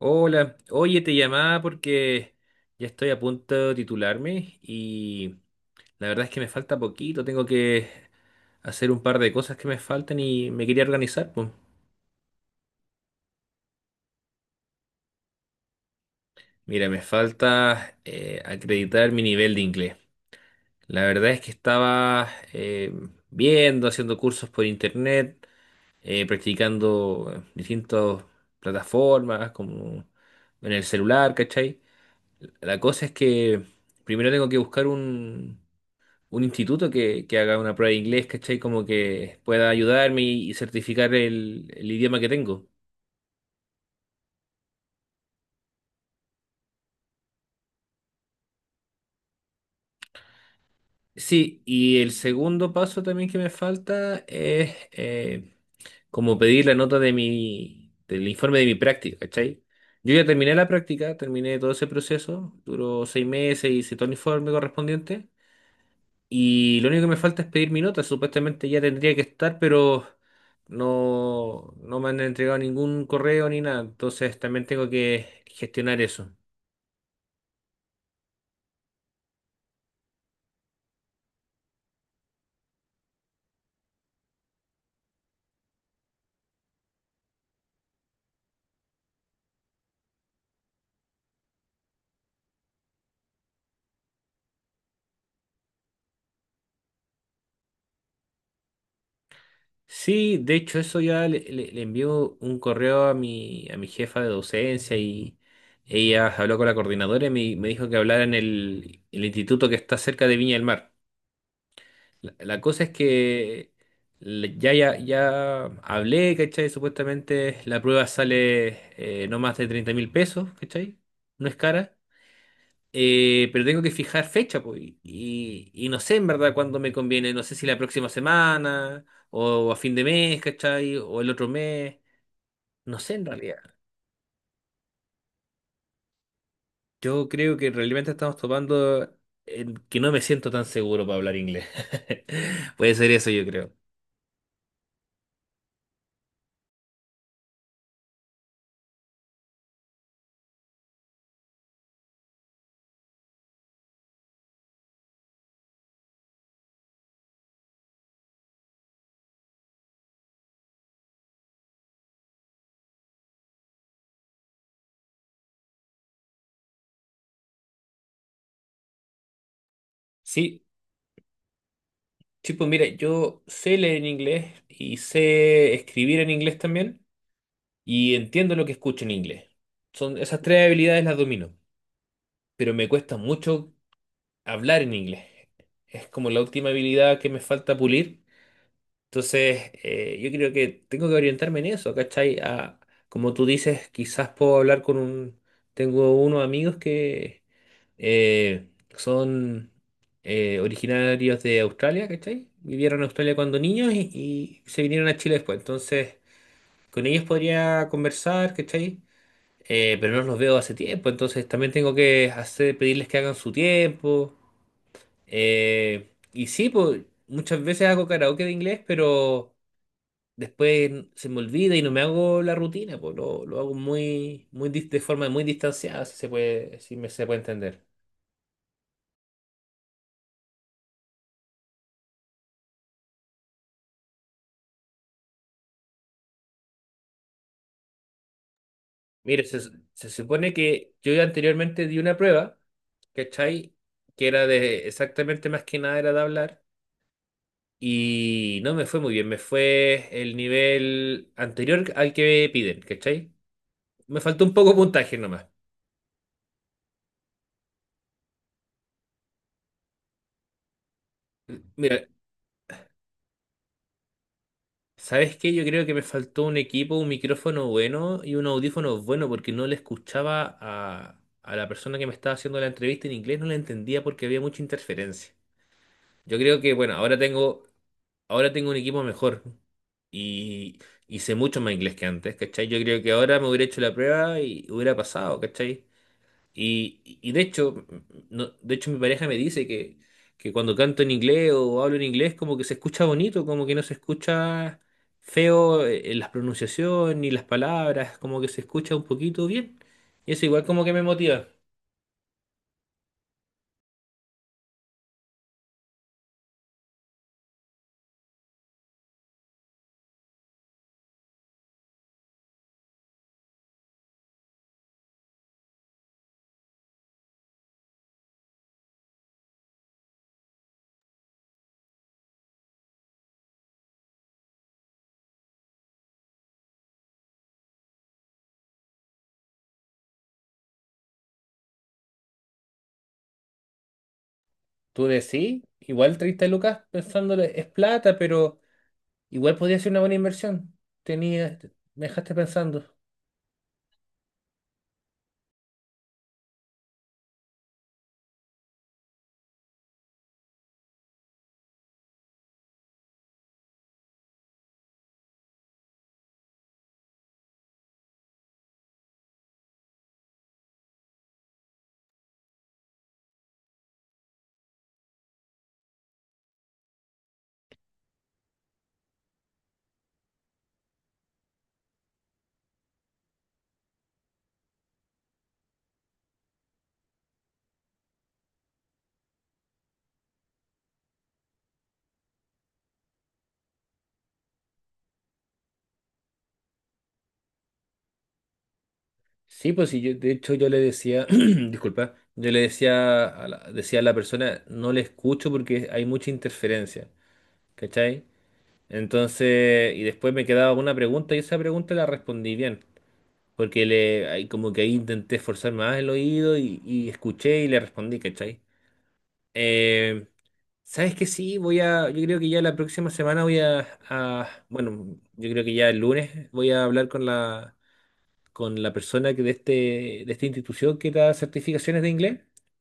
Hola, oye, te llamaba porque ya estoy a punto de titularme y la verdad es que me falta poquito, tengo que hacer un par de cosas que me faltan y me quería organizar, pues. Mira, me falta acreditar mi nivel de inglés. La verdad es que estaba viendo, haciendo cursos por internet, practicando distintas plataformas como en el celular, ¿cachai? La cosa es que primero tengo que buscar un instituto que haga una prueba de inglés, ¿cachai? Como que pueda ayudarme y certificar el idioma que tengo. Sí, y el segundo paso también que me falta es como pedir la nota de mi, del informe de mi práctica, ¿cachai? Yo ya terminé la práctica, terminé todo ese proceso, duró 6 meses, hice todo el informe correspondiente. Y lo único que me falta es pedir mi nota. Supuestamente ya tendría que estar, pero no, no me han entregado ningún correo ni nada. Entonces también tengo que gestionar eso. Sí, de hecho eso ya le envió un correo a mi jefa de docencia y ella habló con la coordinadora y me dijo que hablara en el instituto que está cerca de Viña del Mar. La cosa es que ya, ya, ya hablé, ¿cachai? Supuestamente la prueba sale no más de 30.000 pesos, ¿cachai? No es cara. Pero tengo que fijar fecha, pues. Y no sé en verdad cuándo me conviene. No sé si la próxima semana o a fin de mes, ¿cachai? O el otro mes. No sé en realidad. Yo creo que realmente estamos topando en que no me siento tan seguro para hablar inglés. Puede ser eso, yo creo. Sí, sí, pues mira, yo sé leer en inglés y sé escribir en inglés también y entiendo lo que escucho en inglés. Son esas tres habilidades las domino, pero me cuesta mucho hablar en inglés. Es como la última habilidad que me falta pulir. Entonces, yo creo que tengo que orientarme en eso, ¿cachai? Como tú dices, quizás puedo hablar con un... Tengo unos amigos que eh, son originarios de Australia, ¿cachai? Vivieron en Australia cuando niños y se vinieron a Chile después. Entonces, con ellos podría conversar, ¿cachai? Pero no los veo hace tiempo, entonces también tengo que hacer, pedirles que hagan su tiempo. Y sí, pues muchas veces hago karaoke de inglés, pero después se me olvida y no me hago la rutina, pues lo hago muy, muy de forma muy distanciada, si se puede, si me, se puede entender. Mire, se supone que yo ya anteriormente di una prueba, ¿cachai? Que era de exactamente más que nada era de hablar. Y no me fue muy bien, me fue el nivel anterior al que piden, ¿cachai? Me faltó un poco de puntaje nomás. Mira, ¿sabes qué? Yo creo que me faltó un equipo, un micrófono bueno y un audífono bueno porque no le escuchaba a la persona que me estaba haciendo la entrevista en inglés, no la entendía porque había mucha interferencia. Yo creo que, bueno, ahora tengo un equipo mejor y, y sé mucho más inglés que antes, ¿cachai? Yo creo que ahora me hubiera hecho la prueba y hubiera pasado, ¿cachai? Y de hecho, no, de hecho mi pareja me dice que cuando canto en inglés o hablo en inglés como que se escucha bonito, como que no se escucha feo en las pronunciaciones ni las palabras, como que se escucha un poquito bien. Y eso igual como que me motiva. Tú decís, igual 30 lucas pensándole es plata, pero igual podría ser una buena inversión. Tenía, me dejaste pensando. Sí, pues sí, de hecho yo le decía, disculpa, yo le decía a la persona, no le escucho porque hay mucha interferencia, ¿cachai? Entonces, y después me quedaba una pregunta y esa pregunta la respondí bien, porque le, ahí como que ahí intenté esforzar más el oído y escuché y le respondí, ¿cachai? Eh, ¿Sabes qué? Sí, yo creo que ya la próxima semana bueno, yo creo que ya el lunes voy a hablar con la persona que de este, de esta institución que da certificaciones de inglés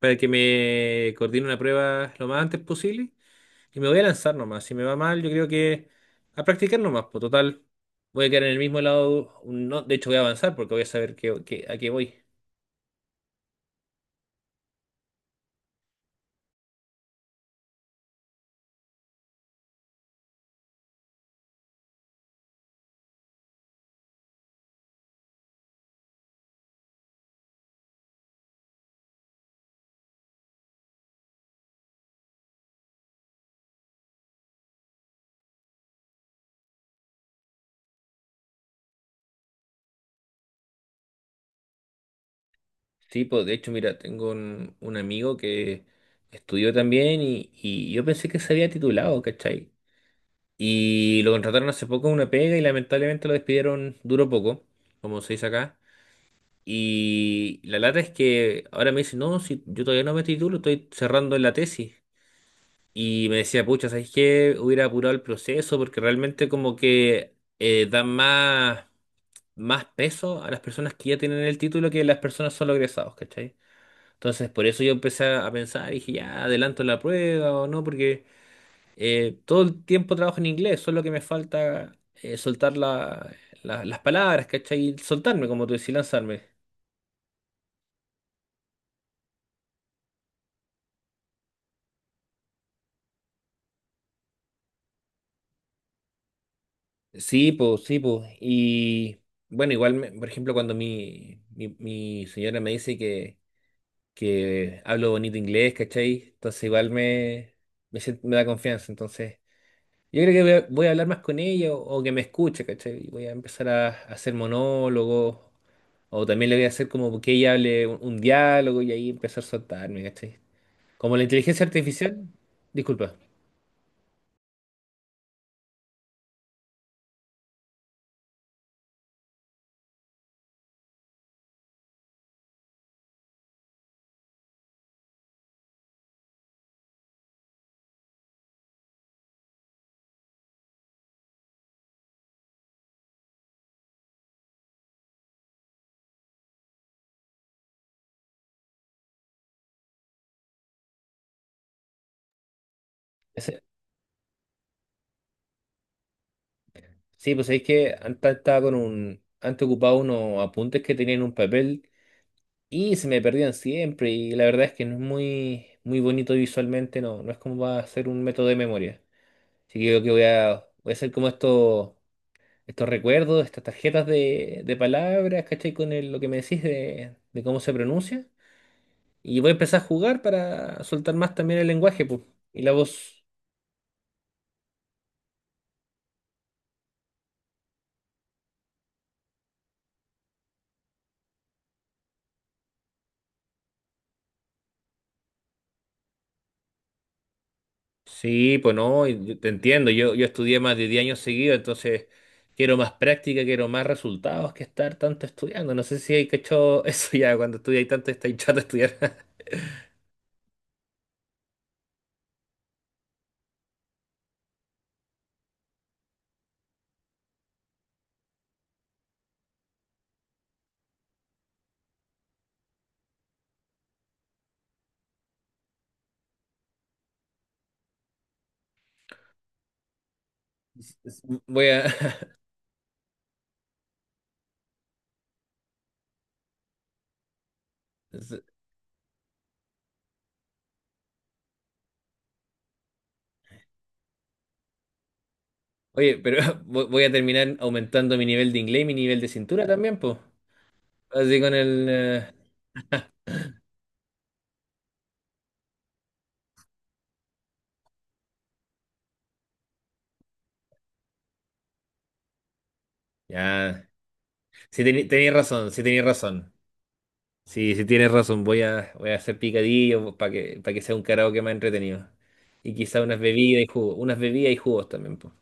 para que me coordine una prueba lo más antes posible y me voy a lanzar nomás. Si me va mal, yo creo que a practicar nomás, pues total, voy a quedar en el mismo lado, no, de hecho voy a avanzar porque voy a saber a qué voy. Sí, pues de hecho, mira, tengo un amigo que estudió también y yo pensé que se había titulado, ¿cachai? Y lo contrataron hace poco en una pega y lamentablemente lo despidieron duro poco, como se dice acá. Y la lata es que ahora me dice, no, si yo todavía no me titulo, estoy cerrando la tesis. Y me decía, pucha, ¿sabes qué? Hubiera apurado el proceso porque realmente como que dan más, más peso a las personas que ya tienen el título que las personas solo egresados, ¿cachai? Entonces, por eso yo empecé a pensar, dije, ya adelanto la prueba o no, porque todo el tiempo trabajo en inglés, solo que me falta soltar las palabras, ¿cachai? Soltarme, como tú decís, lanzarme. Sí, pues, sí, pues. Y bueno, igual, por ejemplo, cuando mi señora me dice que hablo bonito inglés, ¿cachai? Entonces, igual me, me, sien- me da confianza. Entonces, yo creo que voy a hablar más con ella o que me escuche, ¿cachai? Y voy a empezar a hacer monólogos. O también le voy a hacer como que ella hable un diálogo y ahí empezar a soltarme, ¿cachai? Como la inteligencia artificial, disculpa. Ese- Sí, pues es que antes estaba con un, antes ocupaba unos apuntes que tenía en un papel y se me perdían siempre y la verdad es que no es muy, muy bonito visualmente, no es como va a ser un método de memoria. Así que yo creo que voy a hacer como estos, estos recuerdos, estas tarjetas de palabras, ¿cachai? Lo que me decís de cómo se pronuncia. Y voy a empezar a jugar para soltar más también el lenguaje, pues, y la voz. Sí, pues no, y yo te entiendo. Yo estudié más de 10 años seguidos, entonces quiero más práctica, quiero más resultados que estar tanto estudiando. No sé si hay cachado eso ya, cuando estudiáis tanto estáis chato de estudiar. Voy a. Oye, pero voy a terminar aumentando mi nivel de inglés y mi nivel de cintura también, pues. Así con el. Ya. Sí, tenéis razón, sí tenéis razón. Sí, sí tienes razón, voy a hacer picadillo para que sea un karaoke más entretenido. Y quizá unas bebidas y jugos, unas bebidas y jugos también, pues.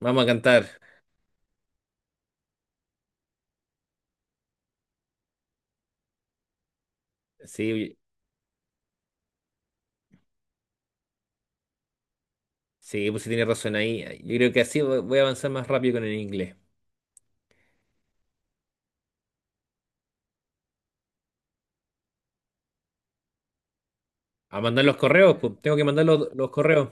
Vamos a cantar. Sí, sí, pues sí tienes razón ahí. Yo creo que así voy a avanzar más rápido con el inglés. A mandar los correos, pues tengo que mandar los correos.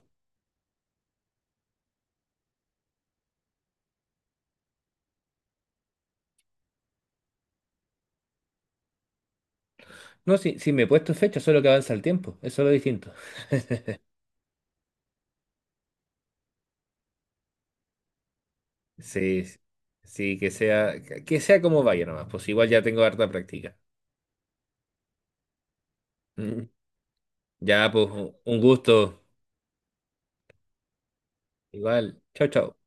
No, sí, sí me he puesto fecha, solo que avanza el tiempo, eso es lo distinto. Sí, sí, que sea como vaya nomás, pues igual ya tengo harta práctica. Mm. Ya, pues un gusto. Igual, chao, chao.